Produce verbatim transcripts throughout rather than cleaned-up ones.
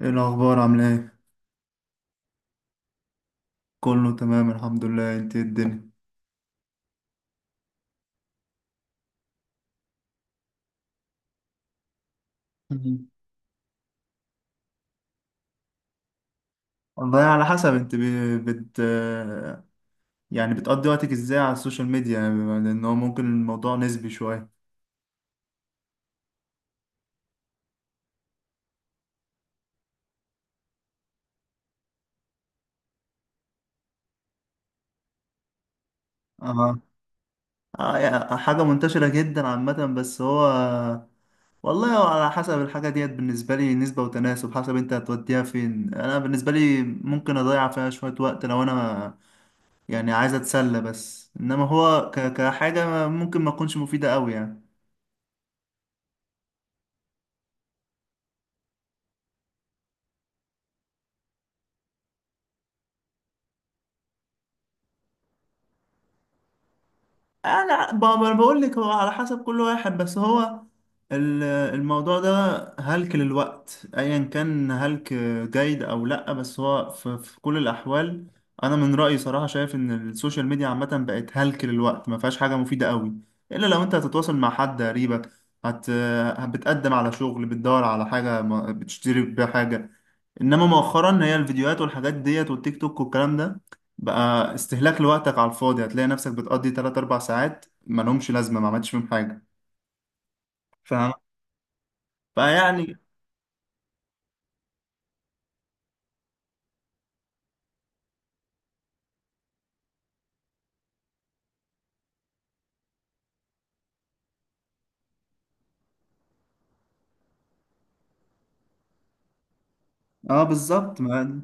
ايه الاخبار عامله ايه؟ كله تمام الحمد لله، انت إيه الدنيا؟ مم. والله على حسب انت بي- بت يعني بتقضي وقتك ازاي على السوشيال ميديا، يعني بما لان هو ممكن الموضوع نسبي شويه. اه اه يعني حاجه منتشره جدا عامه، بس هو والله هو على حسب الحاجه ديت، بالنسبه لي نسبه وتناسب حسب انت هتوديها فين. انا بالنسبه لي ممكن اضيع فيها شويه وقت لو انا يعني عايز اتسلى، بس انما هو ك- كحاجه ممكن ما تكونش مفيده قوي يعني. آه لا، ب- ب- بقول لك هو على حسب كل واحد، بس هو ال- الموضوع ده هلك للوقت ايا كان، هلك جيد او لا، بس هو في, في كل الاحوال انا من رايي صراحه شايف ان السوشيال ميديا عامه بقت هلك للوقت، ما فيهاش حاجه مفيده قوي، الا لو انت هتتواصل مع حد قريبك، هت بتقدم على شغل، بتدور على حاجه، ما- بتشتري بيها حاجه. انما مؤخرا هي الفيديوهات والحاجات ديت والتيك توك والكلام ده بقى استهلاك لوقتك على الفاضي، هتلاقي نفسك بتقضي تلاتة اربعة ساعات ما لهمش لازمه، ما عملتش فيهم حاجه، فاهم؟ فيعني اه بالظبط ما.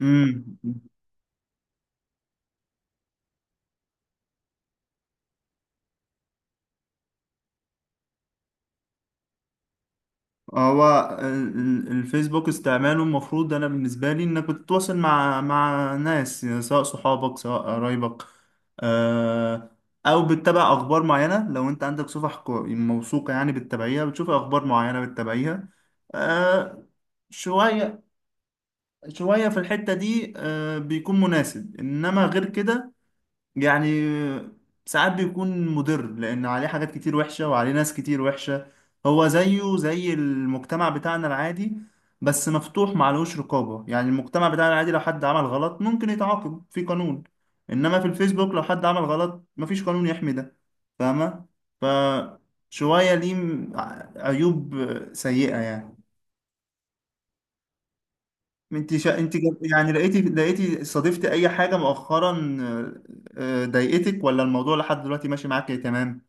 امم. هو ال- ال- الفيسبوك استعماله المفروض، انا بالنسبه لي، انك بتتواصل مع مع ناس، يعني سواء صحابك سواء قرايبك، آه، او بتتابع اخبار معينه، لو انت عندك صفح كو- موثوقه يعني بتتابعيها، بتشوف اخبار معينه بتتابعيها، آه، شويه شويه في الحته دي، آه، بيكون مناسب، انما غير كده يعني ساعات بيكون مضر، لأن عليه حاجات كتير وحشة وعليه ناس كتير وحشة. هو زيه زي المجتمع بتاعنا العادي، بس مفتوح معلهوش رقابة. يعني المجتمع بتاعنا العادي لو حد عمل غلط ممكن يتعاقب في قانون، إنما في الفيسبوك لو حد عمل غلط مفيش قانون يحمي ده، فاهمة؟ فشوية ليه م- ع- عيوب سيئة يعني. انت شا... انت جا- يعني لقيتي لقيتي صادفتي اي حاجه مؤخرا آه، آه، ضايقتك، ولا الموضوع لحد دلوقتي ماشي معاك تمام؟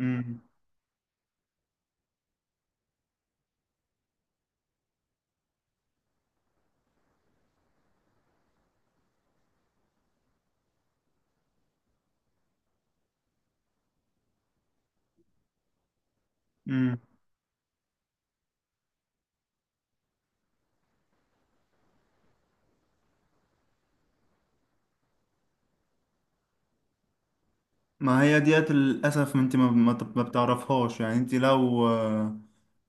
امم امم ما هي ديت للاسف انت ما ما ما بتعرفهاش، يعني انت لو آه،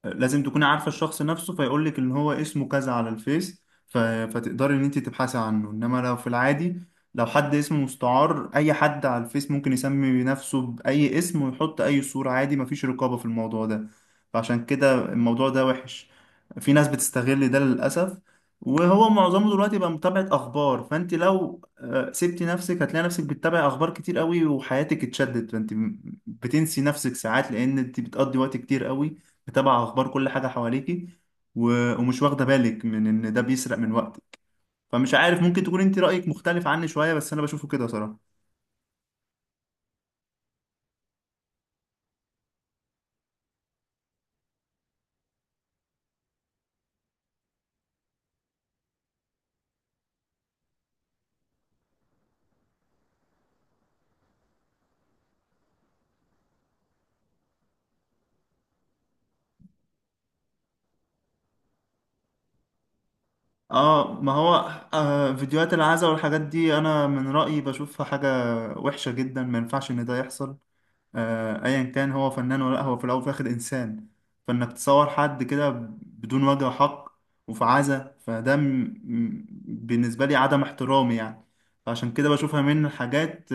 لازم تكوني عارفة الشخص نفسه فيقول لك ان هو اسمه كذا على الفيس، ف... فتقدري ان انت تبحثي عنه، انما لو في العادي لو حد اسمه مستعار اي حد على الفيس ممكن يسمي نفسه باي اسم ويحط اي صورة عادي، مفيش رقابة في الموضوع ده، فعشان كده الموضوع ده وحش. في ناس بتستغل ده للأسف، وهو معظمه دلوقتي بقى متابعة اخبار، فانت لو آه، سبتي نفسك هتلاقي نفسك بتتابعي اخبار كتير قوي وحياتك اتشدت، فانت بتنسي نفسك ساعات لان انت بتقضي وقت كتير قوي متابعة أخبار كل حاجة حواليكي، و... ومش واخدة بالك من إن ده بيسرق من وقتك. فمش عارف ممكن تكون أنت رأيك مختلف عني شوية، بس أنا بشوفه كده صراحة. آه ما هو آه، فيديوهات العزا والحاجات دي أنا من رأيي بشوفها حاجة وحشة جدا، ما ينفعش إن ده يحصل. آه أيا كان هو فنان ولا لأ، هو في الأول وفي الآخر إنسان، فإنك تصور حد كده بدون وجه حق وفي عزا، فده م... م- بالنسبة لي عدم احترامي يعني، فعشان كده بشوفها من الحاجات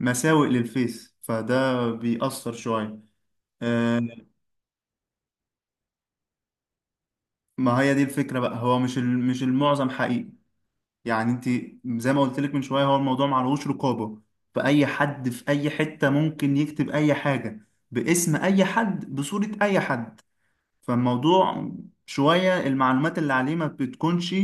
مساوئ للفيس، فده بيأثر شوية آه،. ما هي دي الفكرة بقى، هو مش ال- مش المعظم حقيقي، يعني انت زي ما قلت لك من شوية، هو الموضوع معلهوش رقابة، فأي حد في أي حتة ممكن يكتب أي حاجة باسم أي حد بصورة أي حد، فالموضوع شوية المعلومات اللي عليه ما بتكونش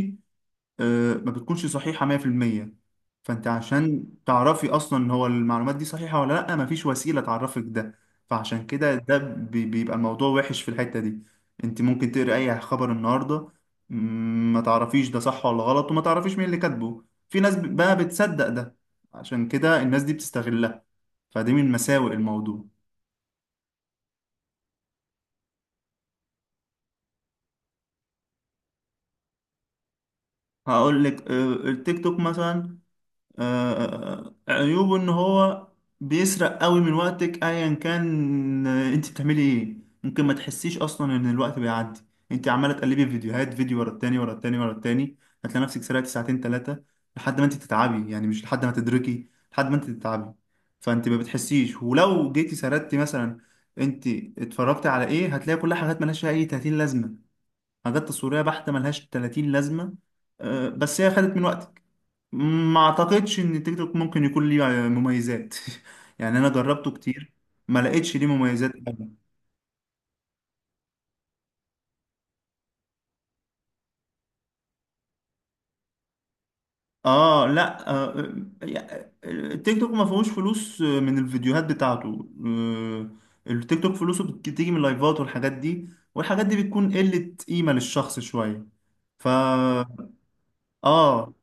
آه، ما بتكونش صحيحة مية بالمية. فانت عشان تعرفي اصلا ان هو المعلومات دي صحيحة ولا لا مفيش وسيلة تعرفك ده، فعشان كده ده بي- بيبقى الموضوع وحش في الحتة دي. انت ممكن تقري اي خبر النهاردة، مم، ما تعرفيش ده صح ولا غلط، وما تعرفيش مين اللي كاتبه، في ناس بقى بتصدق ده، عشان كده الناس دي بتستغلها، فدي من مساوئ الموضوع. هقول لك آه، التيك توك مثلا آه، آه، آه، عيوبه ان هو بيسرق قوي من وقتك ايا كان آه، انت بتعملي ايه. ممكن ما تحسيش اصلا ان الوقت بيعدي، انت عماله تقلبي في فيديوهات، فيديو ورا التاني ورا التاني ورا التاني، هتلاقي نفسك سرقتي ساعتين ثلاثه لحد ما انت تتعبي، يعني مش لحد ما تدركي لحد ما انت تتعبي، فانت ما بتحسيش. ولو جيتي سردتي مثلا انت اتفرجتي على ايه، هتلاقي كل حاجات ملهاش اي تلاتين لازمه، حاجات تصويريه بحته ملهاش تلاتين لازمه، آه، بس هي خدت من وقتك. ما اعتقدش ان تيك توك ممكن يكون ليه مميزات، يعني انا جربته كتير، ما لقيتش ليه مميزات أبداً. اه لا آه يا- التيك توك ما فيهوش فلوس من الفيديوهات بتاعته، آه، التيك توك فلوسه بتيجي من اللايفات والحاجات دي، والحاجات دي بتكون قلة قيمة للشخص شوية. ف اه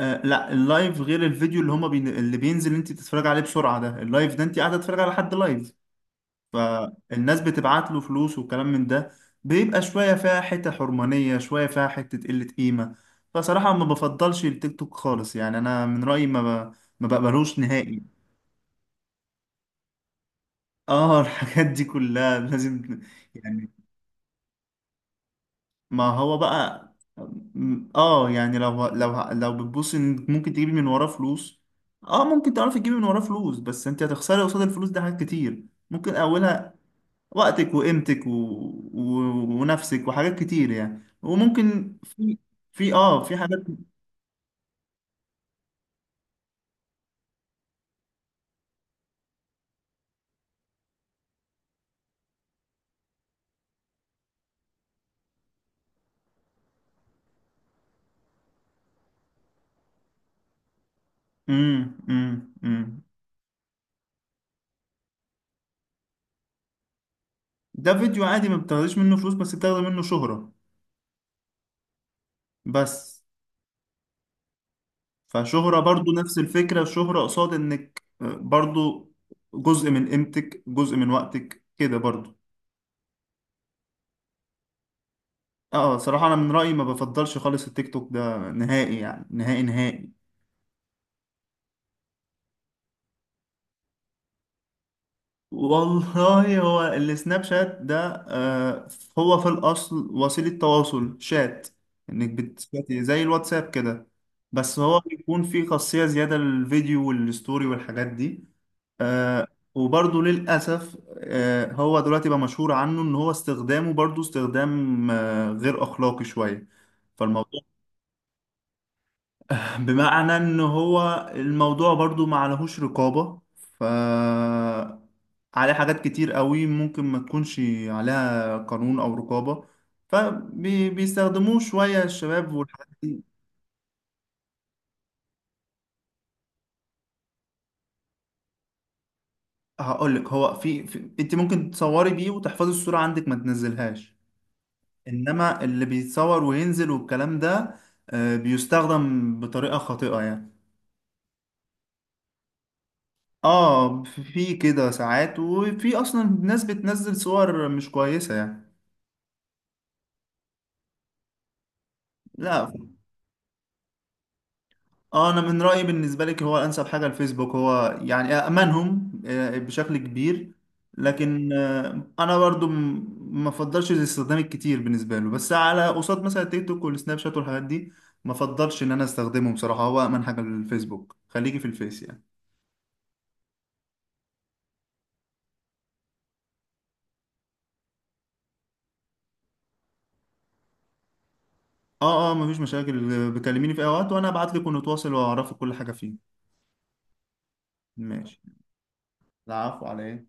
آه، لا اللايف غير الفيديو، اللي هما بين... اللي بينزل انت تتفرج عليه بسرعة، ده اللايف، ده انت قاعدة تتفرج على حد لايف، فالناس بتبعت له فلوس وكلام من ده، بيبقى شوية فيها حتة حرمانية، شوية فيها حتة قلة قيمة. فصراحة ما بفضلش التيك توك خالص، يعني أنا من رأيي ما ب... ما بقبلوش نهائي. اه الحاجات دي كلها لازم يعني، ما هو بقى اه آه، يعني لو لو لو بتبص ان ممكن تجيبي من وراه فلوس، اه ممكن تعرفي تجيبي من وراه فلوس، بس انت هتخسري قصاد الفلوس ده حاجات كتير، ممكن اولها وقتك وقيمتك و... و... ونفسك وحاجات كتير يعني، وممكن في في اه في حاجات. امم امم امم ده فيديو عادي ما بتاخديش منه فلوس، بس بتاخدي منه شهرة. بس فشهرة برضو نفس الفكرة، الشهرة قصاد انك آه، برضو جزء من قيمتك جزء من وقتك كده برضو. اه صراحة انا من رأيي ما بفضلش خالص التيك توك ده نهائي، يعني نهائي نهائي. والله هو السناب شات ده آه، هو في الأصل وسيلة تواصل شات، إنك بتشاتي زي الواتساب كده، بس هو بيكون فيه خاصية زيادة للفيديو والستوري والحاجات دي آه،. وبرضه للأسف آه، هو دلوقتي بقى مشهور عنه إن هو استخدامه برضه استخدام آه، غير أخلاقي شوية. فالموضوع بمعنى ان هو الموضوع برضو ما عليهوش رقابة، ف عليه حاجات كتير قوي ممكن ما تكونش عليها قانون او رقابة، فبيستخدموه شوية الشباب والحاجات دي. هقول لك هو في, في انت ممكن تصوري بيه وتحفظي الصورة عندك ما تنزلهاش، انما اللي بيتصور وينزل والكلام ده آه، بيستخدم بطريقة خاطئة يعني. اه في كده ساعات، وفي اصلا ناس بتنزل صور مش كويسة يعني. لا اه انا من رايي بالنسبه لك هو انسب حاجه الفيسبوك، هو يعني امنهم آه، بشكل كبير، لكن آه، انا برضو م- ما افضلش الاستخدام الكتير بالنسبه له، بس على قصاد مثلا التيك توك والسناب شات والحاجات دي ما افضلش ان انا استخدمه. بصراحه هو امن حاجه الفيسبوك، خليكي في الفيس يعني. اه اه مفيش مشاكل، آه، بكلميني في اي وقت وانا ابعت لك ونتواصل واعرفك كل حاجه فيه. ماشي، العفو عليك.